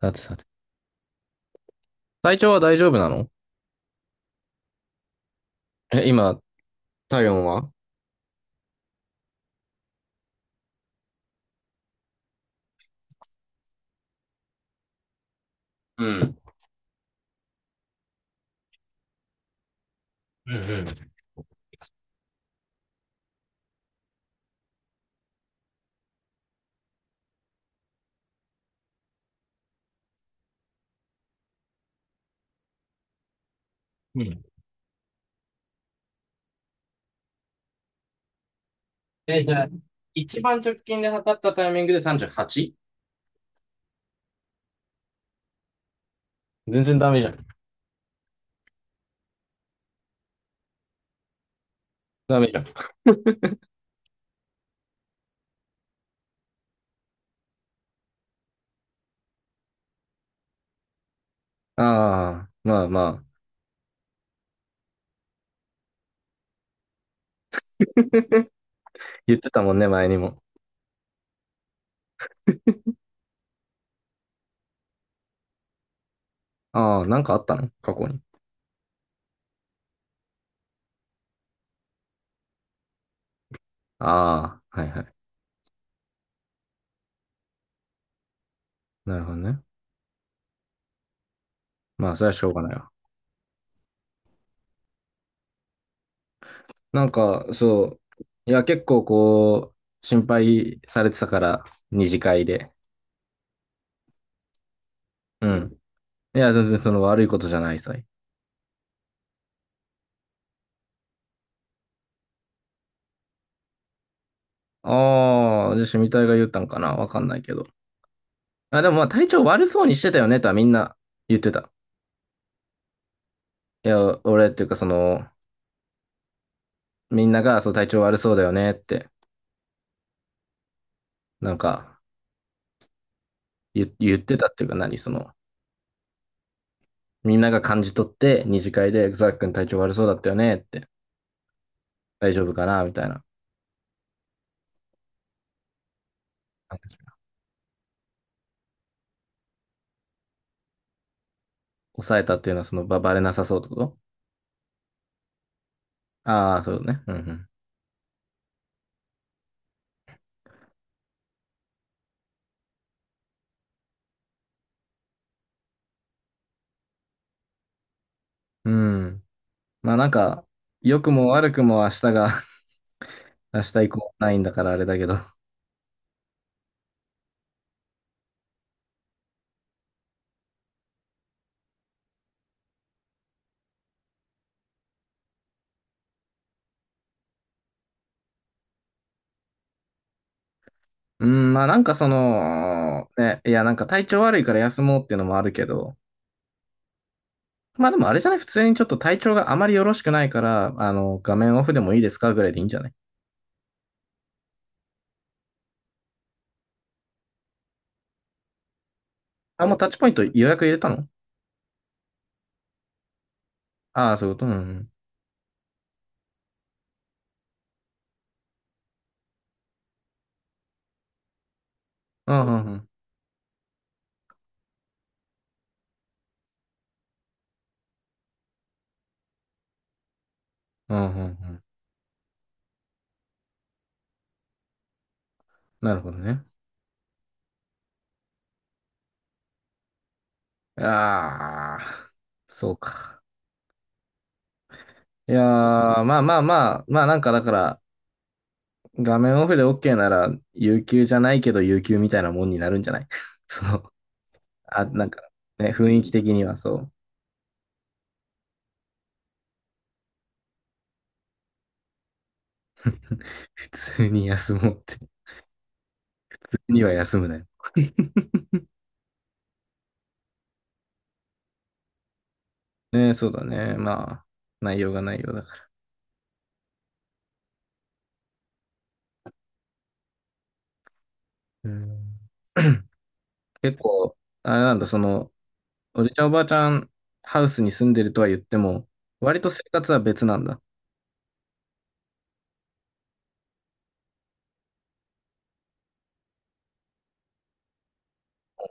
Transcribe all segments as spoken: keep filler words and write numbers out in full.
さてさて。体調は大丈夫なの？え、今、体温は、うん。うんうん。うん。え、じゃあ、一番直近で測ったタイミングで さんじゅうはち？ 全然ダメじゃん。ダメじゃん。ああ、まあまあ。言ってたもんね、前にも。ああ、なんかあったの過去に？ああ、はいはい。なるほどね。まあ、それはしょうがないわ。なんか、そう。いや、結構こう、心配されてたから、二次会で。うん。いや、全然その悪いことじゃないさ。ああ、じゃあ、シュミ隊が言ったんかなわかんないけど。あ、でもまあ、体調悪そうにしてたよねとはみんな言ってた。いや、俺っていうか、その、みんなが、そう、体調悪そうだよねって、なんか、言、言ってたっていうか、何、その、みんなが感じ取って、二次会で、ザックン体調悪そうだったよねって、大丈夫かなみたいな。抑えたっていうのは、その、ば、バレなさそうってこと？ああー、そうね。うんうん。うん。まあ、なんか、良くも悪くも明日が 明日以降ないんだからあれだけど、うん、まあなんかその、ね、いやなんか体調悪いから休もうっていうのもあるけど、まあでもあれじゃない、普通にちょっと体調があまりよろしくないから、あの、画面オフでもいいですかぐらいでいいんじゃない？あ、もうタッチポイント予約入れたの？ああ、そういうことうん。うん、うん、うん。うん、うん、うんうん、なるほどね。ああ、そうか。いやー、まあまあまあ、まあなんかだから、画面オフで OK なら、有給じゃないけど有給みたいなもんになるんじゃない？ そう。あ、なんか、ね、雰囲気的にはそう。普通に休もうって。普通には休むなよ。ね、そうだね。まあ、内容が内容だから。うん。 結構、あれなんだ、その、おじちゃんおばあちゃんハウスに住んでるとは言っても、割と生活は別なんだ？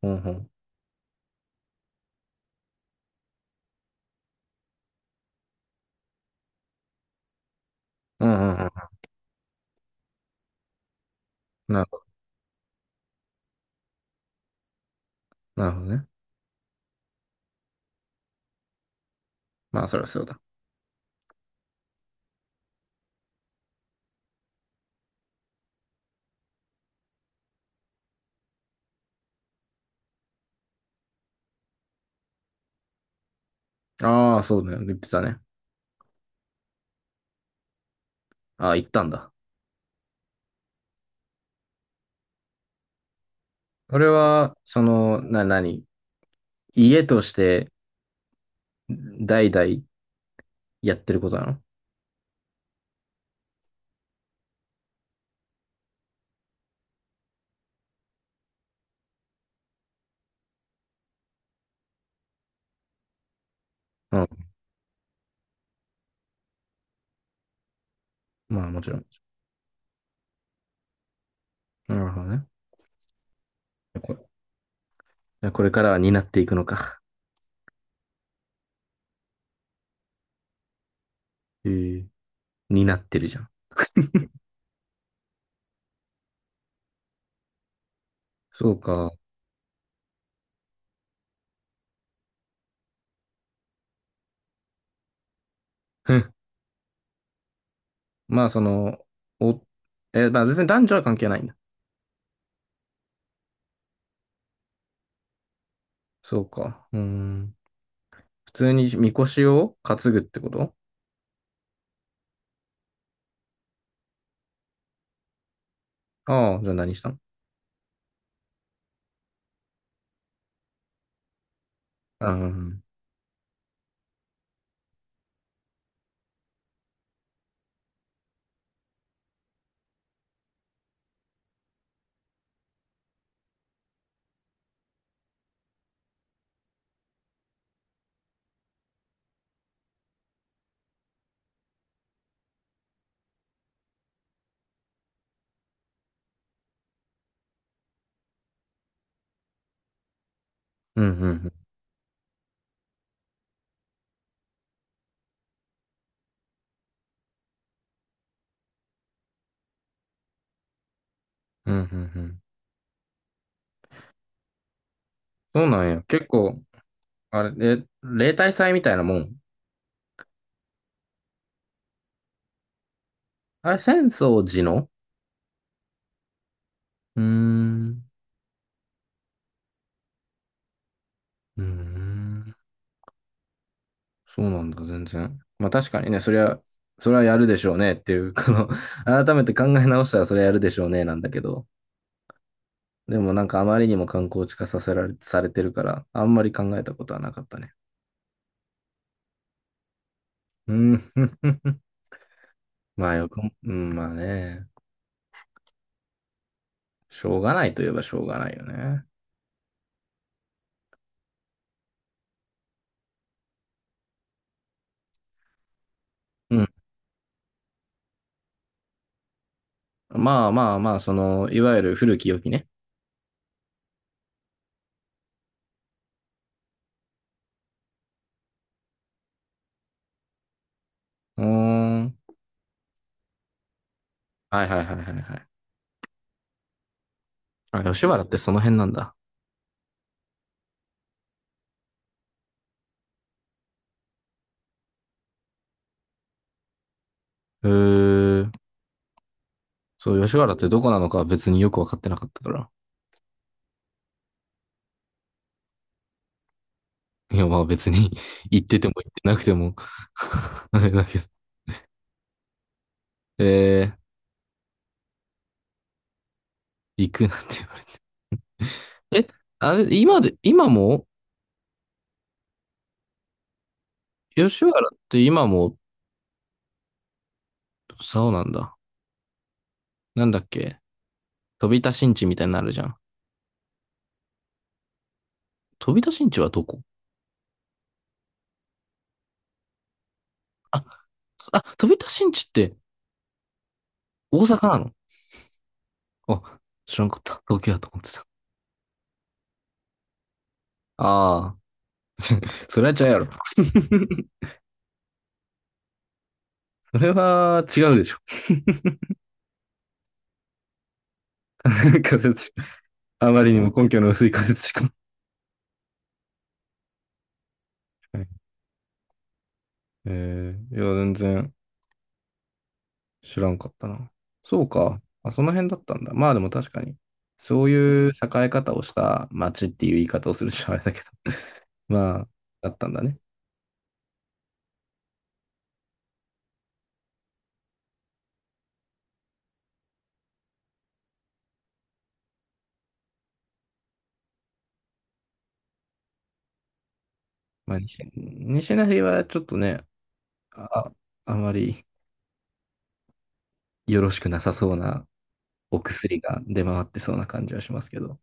ほんほん。うんうんうん。なるほど、なるほどね。まあ、そりゃそうだ。ああ、そうだよね。言ってたね。ああ、行ったんだ。俺は、その、な、何家として代々やってることなの？うん。まあ、もちろん。なるほどね。これからは担っていくのか？へえー、担ってるじゃん。そうか。ふん。まあ、その、お、え、まあ別に男女は関係ないんだ？そうか。うーん。普通にみこしを担ぐってこと？ああ、じゃあ何したの？ああ、うん、うん、うん、うん、うん、うん。そうなんや。結構、あれ、え、例大祭みたいなもん？あれ、浅草寺の？うーん。うーん。そうなんだ、全然。まあ確かにね、そりゃ、それはやるでしょうねっていう、この 改めて考え直したらそれはやるでしょうねなんだけど、でもなんかあまりにも観光地化させられ、されてるから、あんまり考えたことはなかったね。うん、まあよくも、うん、まあね、しょうがないといえばしょうがないよね。うん。まあまあまあ、その、いわゆる古き良きね。うーん。はいはいはいはいはい。あ、吉原ってその辺なんだ。へー、そう、吉原ってどこなのかは別によくわかってなかったから。いや、まあ別に 行ってても行ってなくても あれだけど。えー、行くなんて言われて。え、あれ、今で、今も、吉原って今も、そうなんだ。なんだっけ、飛田新地みたいになるじゃん。飛田新地はどこ？あ、あ、飛田新地って大阪なの？あ、知らんかった。東京やと思ってた。ああ、それは違うやろ。それは違うでしょ。仮説しか。あまりにも根拠の薄い仮説しか。はい。えー、いや、全然。知らんかったな。そうか。あ、その辺だったんだ。まあでも確かに、そういう栄え方をした町っていう言い方をするしあれだけど。まあ、だったんだね。まあ、西、西成はちょっとね、あ、あまりよろしくなさそうなお薬が出回ってそうな感じはしますけど。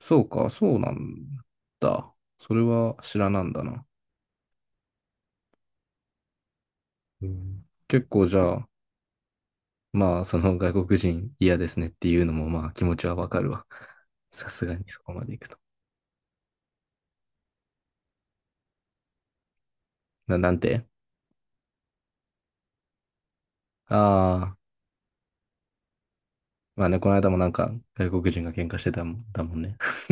そうか、そうなんだ。それは知らなんだな。うん、結構じゃあ、まあ、その外国人嫌ですねっていうのも、まあ気持ちはわかるわ。さすがにそこまで行くと。な、なんて。ああー、まあね、この間もなんか外国人が喧嘩してたもん、だもんね。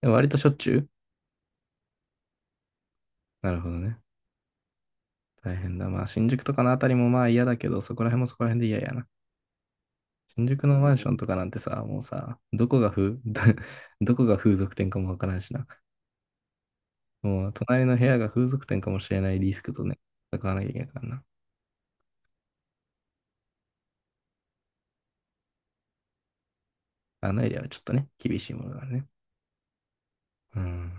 でも割としょっちゅう、なるほどね。大変だ。まあ新宿とかのあたりもまあ嫌だけど、そこら辺もそこら辺で嫌やな。新宿のマンションとかなんてさ、もうさ、どこが風、どこが風俗店かもわからんしな。もう隣の部屋が風俗店かもしれないリスクとね、戦わなきゃいけないからな。あのエリアはちょっとね、厳しいものがあるね。うん。